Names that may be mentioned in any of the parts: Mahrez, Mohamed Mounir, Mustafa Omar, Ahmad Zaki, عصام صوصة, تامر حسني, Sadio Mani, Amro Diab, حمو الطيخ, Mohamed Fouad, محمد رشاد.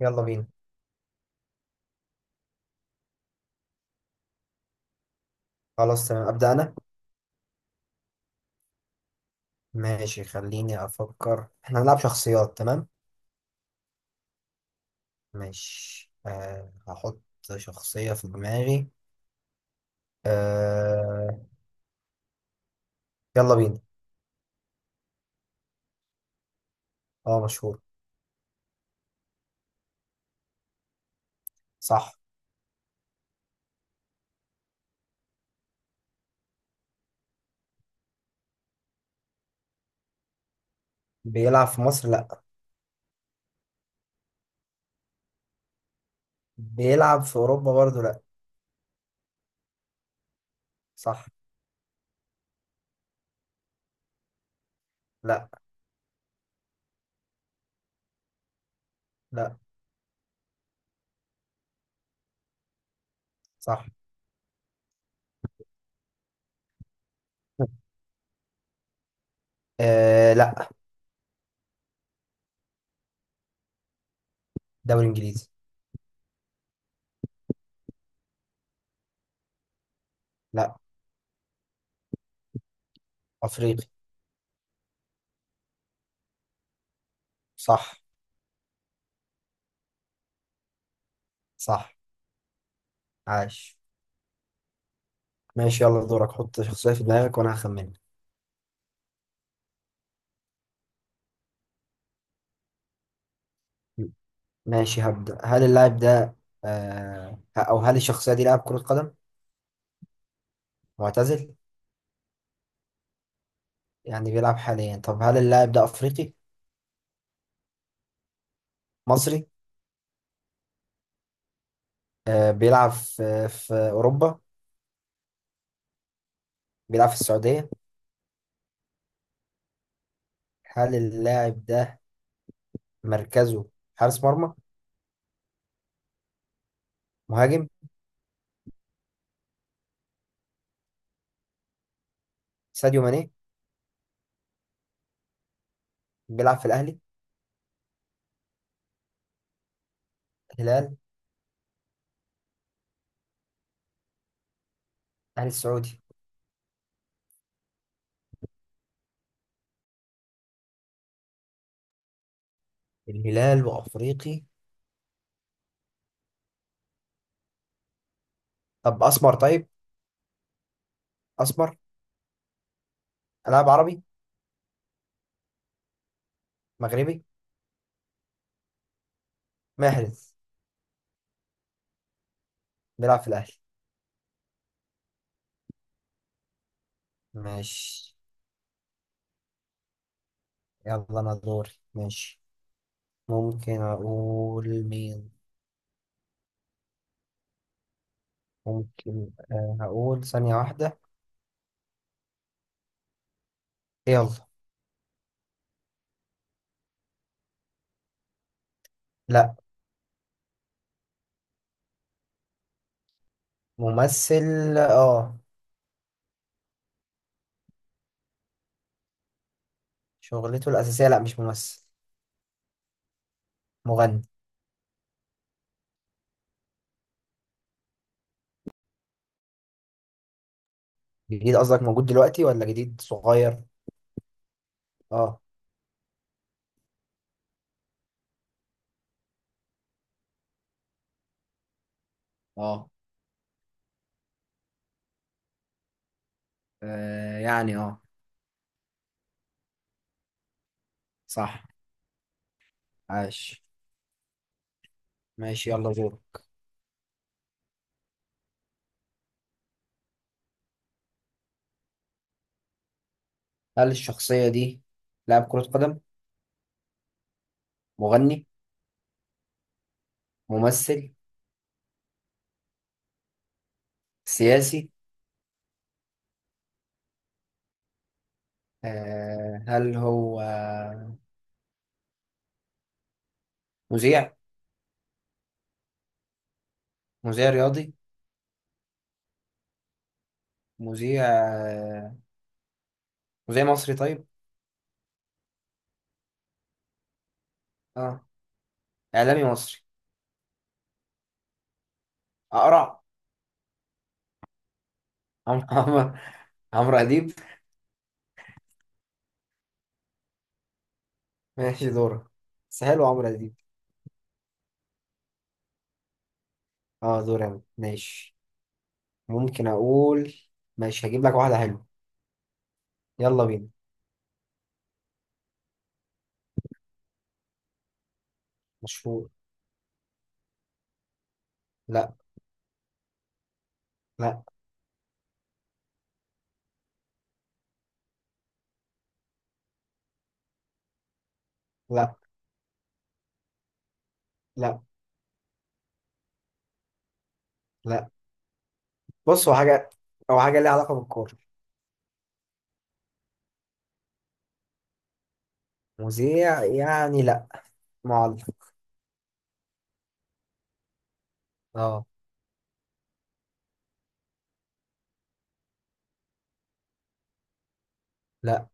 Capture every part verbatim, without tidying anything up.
يلا بينا. خلاص تمام، أبدأ أنا. ماشي، خليني أفكر، إحنا هنلعب شخصيات. تمام. ماشي، أه هحط شخصية في دماغي. أه يلا بينا. أه مشهور. صح. بيلعب في مصر؟ لأ. بيلعب في أوروبا؟ برضو لأ. صح. لأ. لأ. صح. أه لأ. دوري إنجليزي. لأ. أفريقي. صح. صح. عاش. ماشي، يلا دورك، حط شخصية في دماغك وأنا هخمنها. ماشي، هبدأ. هل اللاعب ده آه أو هل الشخصية دي لاعب كرة قدم؟ معتزل؟ يعني بيلعب حاليا. طب هل اللاعب ده أفريقي؟ مصري؟ آه بيلعب في, في أوروبا. بيلعب في السعودية. هل اللاعب ده مركزه حارس مرمى؟ مهاجم. ساديو ماني. بيلعب في الأهلي. الهلال. الأهلي السعودي. الهلال وأفريقي. طب أسمر طيب. أسمر. لاعب عربي. مغربي. محرز. بيلعب في الأهلي. ماشي. يلا أنا دوري. ماشي، ممكن أقول مين. ممكن، آه، هقول ثانية واحدة. يلا. لا. ممثل، اه. شغلته الأساسية لا، مش ممثل. مغني. جديد؟ قصدك موجود دلوقتي ولا جديد صغير؟ اه. اه. آه، يعني اه صح. عاش. ماشي، يلا دور. هل الشخصية دي لاعب كرة قدم؟ مغني؟ ممثل؟ سياسي؟ آه هل هو مذيع؟ مذيع رياضي؟ مذيع، آه، مذيع مصري؟ طيب. اه. اعلامي مصري. اقرع. عمرو عمرو. عمرو اديب. ماشي دورك. بس حلو، عمرو اديب. اه دوري أنا. ماشي. ممكن اقول. ماشي، هجيب لك واحده حلوه. يلا بينا. مشهور. لا. لا. لا. لا. لا. بص هو حاجه. هو حاجه ليها علاقه بالكوره. مذيع يعني، لا. معلق. اه. لا.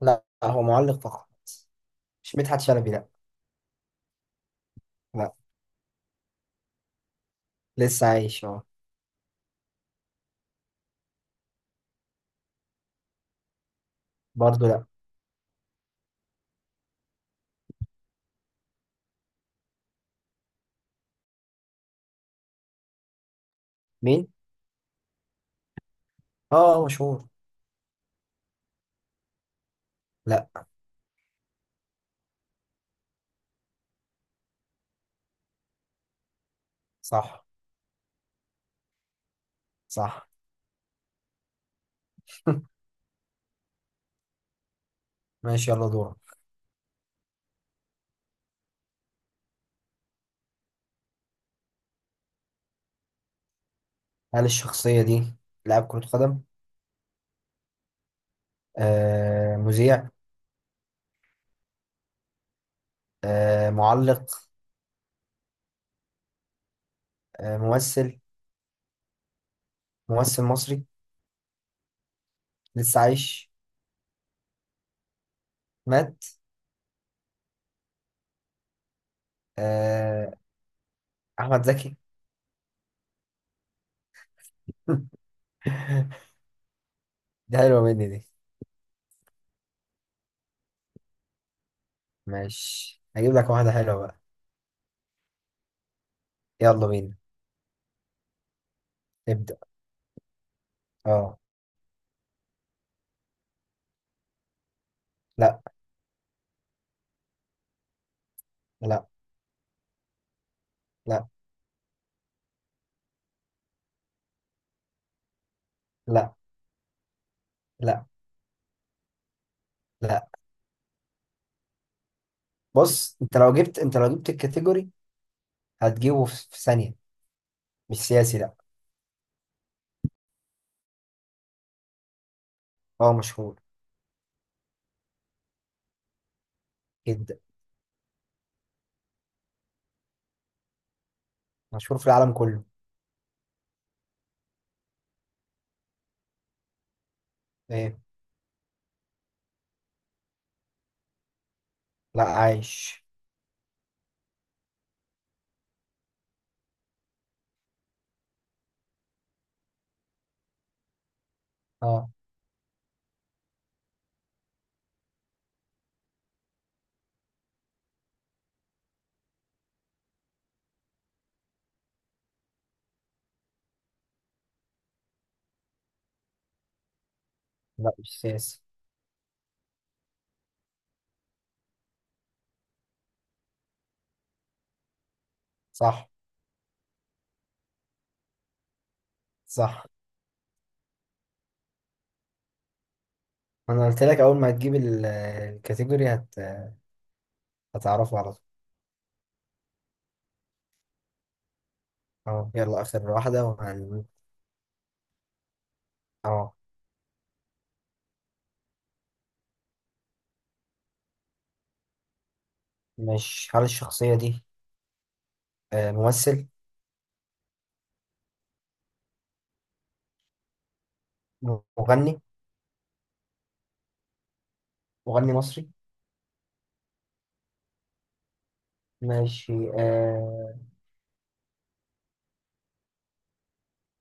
لا، هو معلق فقط. مش مدحت شلبي، لا. لا. لسه عايش، اه. برضه لا. مين؟ اه مشهور. لا. صح. صح. ماشي، يلا دورك. هل الشخصية دي لاعب كرة قدم؟ آه، مذيع؟ آه، معلق؟ آه، ممثل؟ ممثل مصري. لسه عايش. مات. آه، أحمد زكي. دي حلوة مني دي. ماشي، هجيب لك واحدة حلوة بقى. يلا بينا. ابدأ. اه. لا. لا. لا. لا. لا. لا. بص، انت لو جبت انت لو جبت الكاتيجوري، هتجيبه في في ثانية. مش سياسي، لا. اه مشهور جدا. مشهور في العالم كله. ايه. لا عايش. اه. لا، مش سياسي. صح. صح. انا قلت لك، اول ما تجيب ال- الكاتيجوري هت... هتعرفه على طول. اه يلا، اخر واحده وهن. اه. مش هل الشخصيه دي آه، ممثل؟ مغني. مغني مصري. ماشي. آه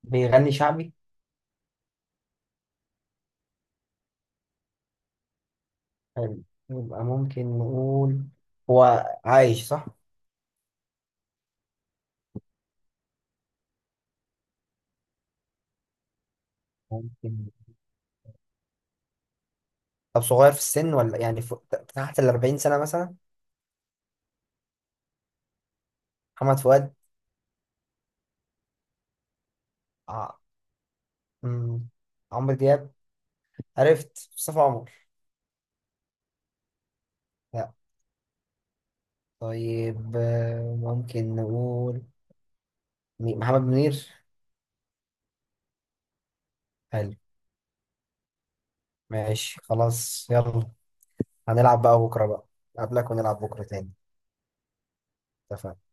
بيغني شعبي؟ حلو. يبقى ممكن نقول هو عايش، صح؟ ممكن. طب صغير في السن ولا يعني فوق... تحت ال أربعين سنه مثلا. محمد فؤاد. ع... مم. عمرو دياب. عرفت مصطفى عمر. طيب، آه، ممكن نقول مي- محمد منير. حلو. ماشي، خلاص يلا. هنلعب بقى بكرة بقى. قبلك ونلعب بكرة تاني. اتفقنا.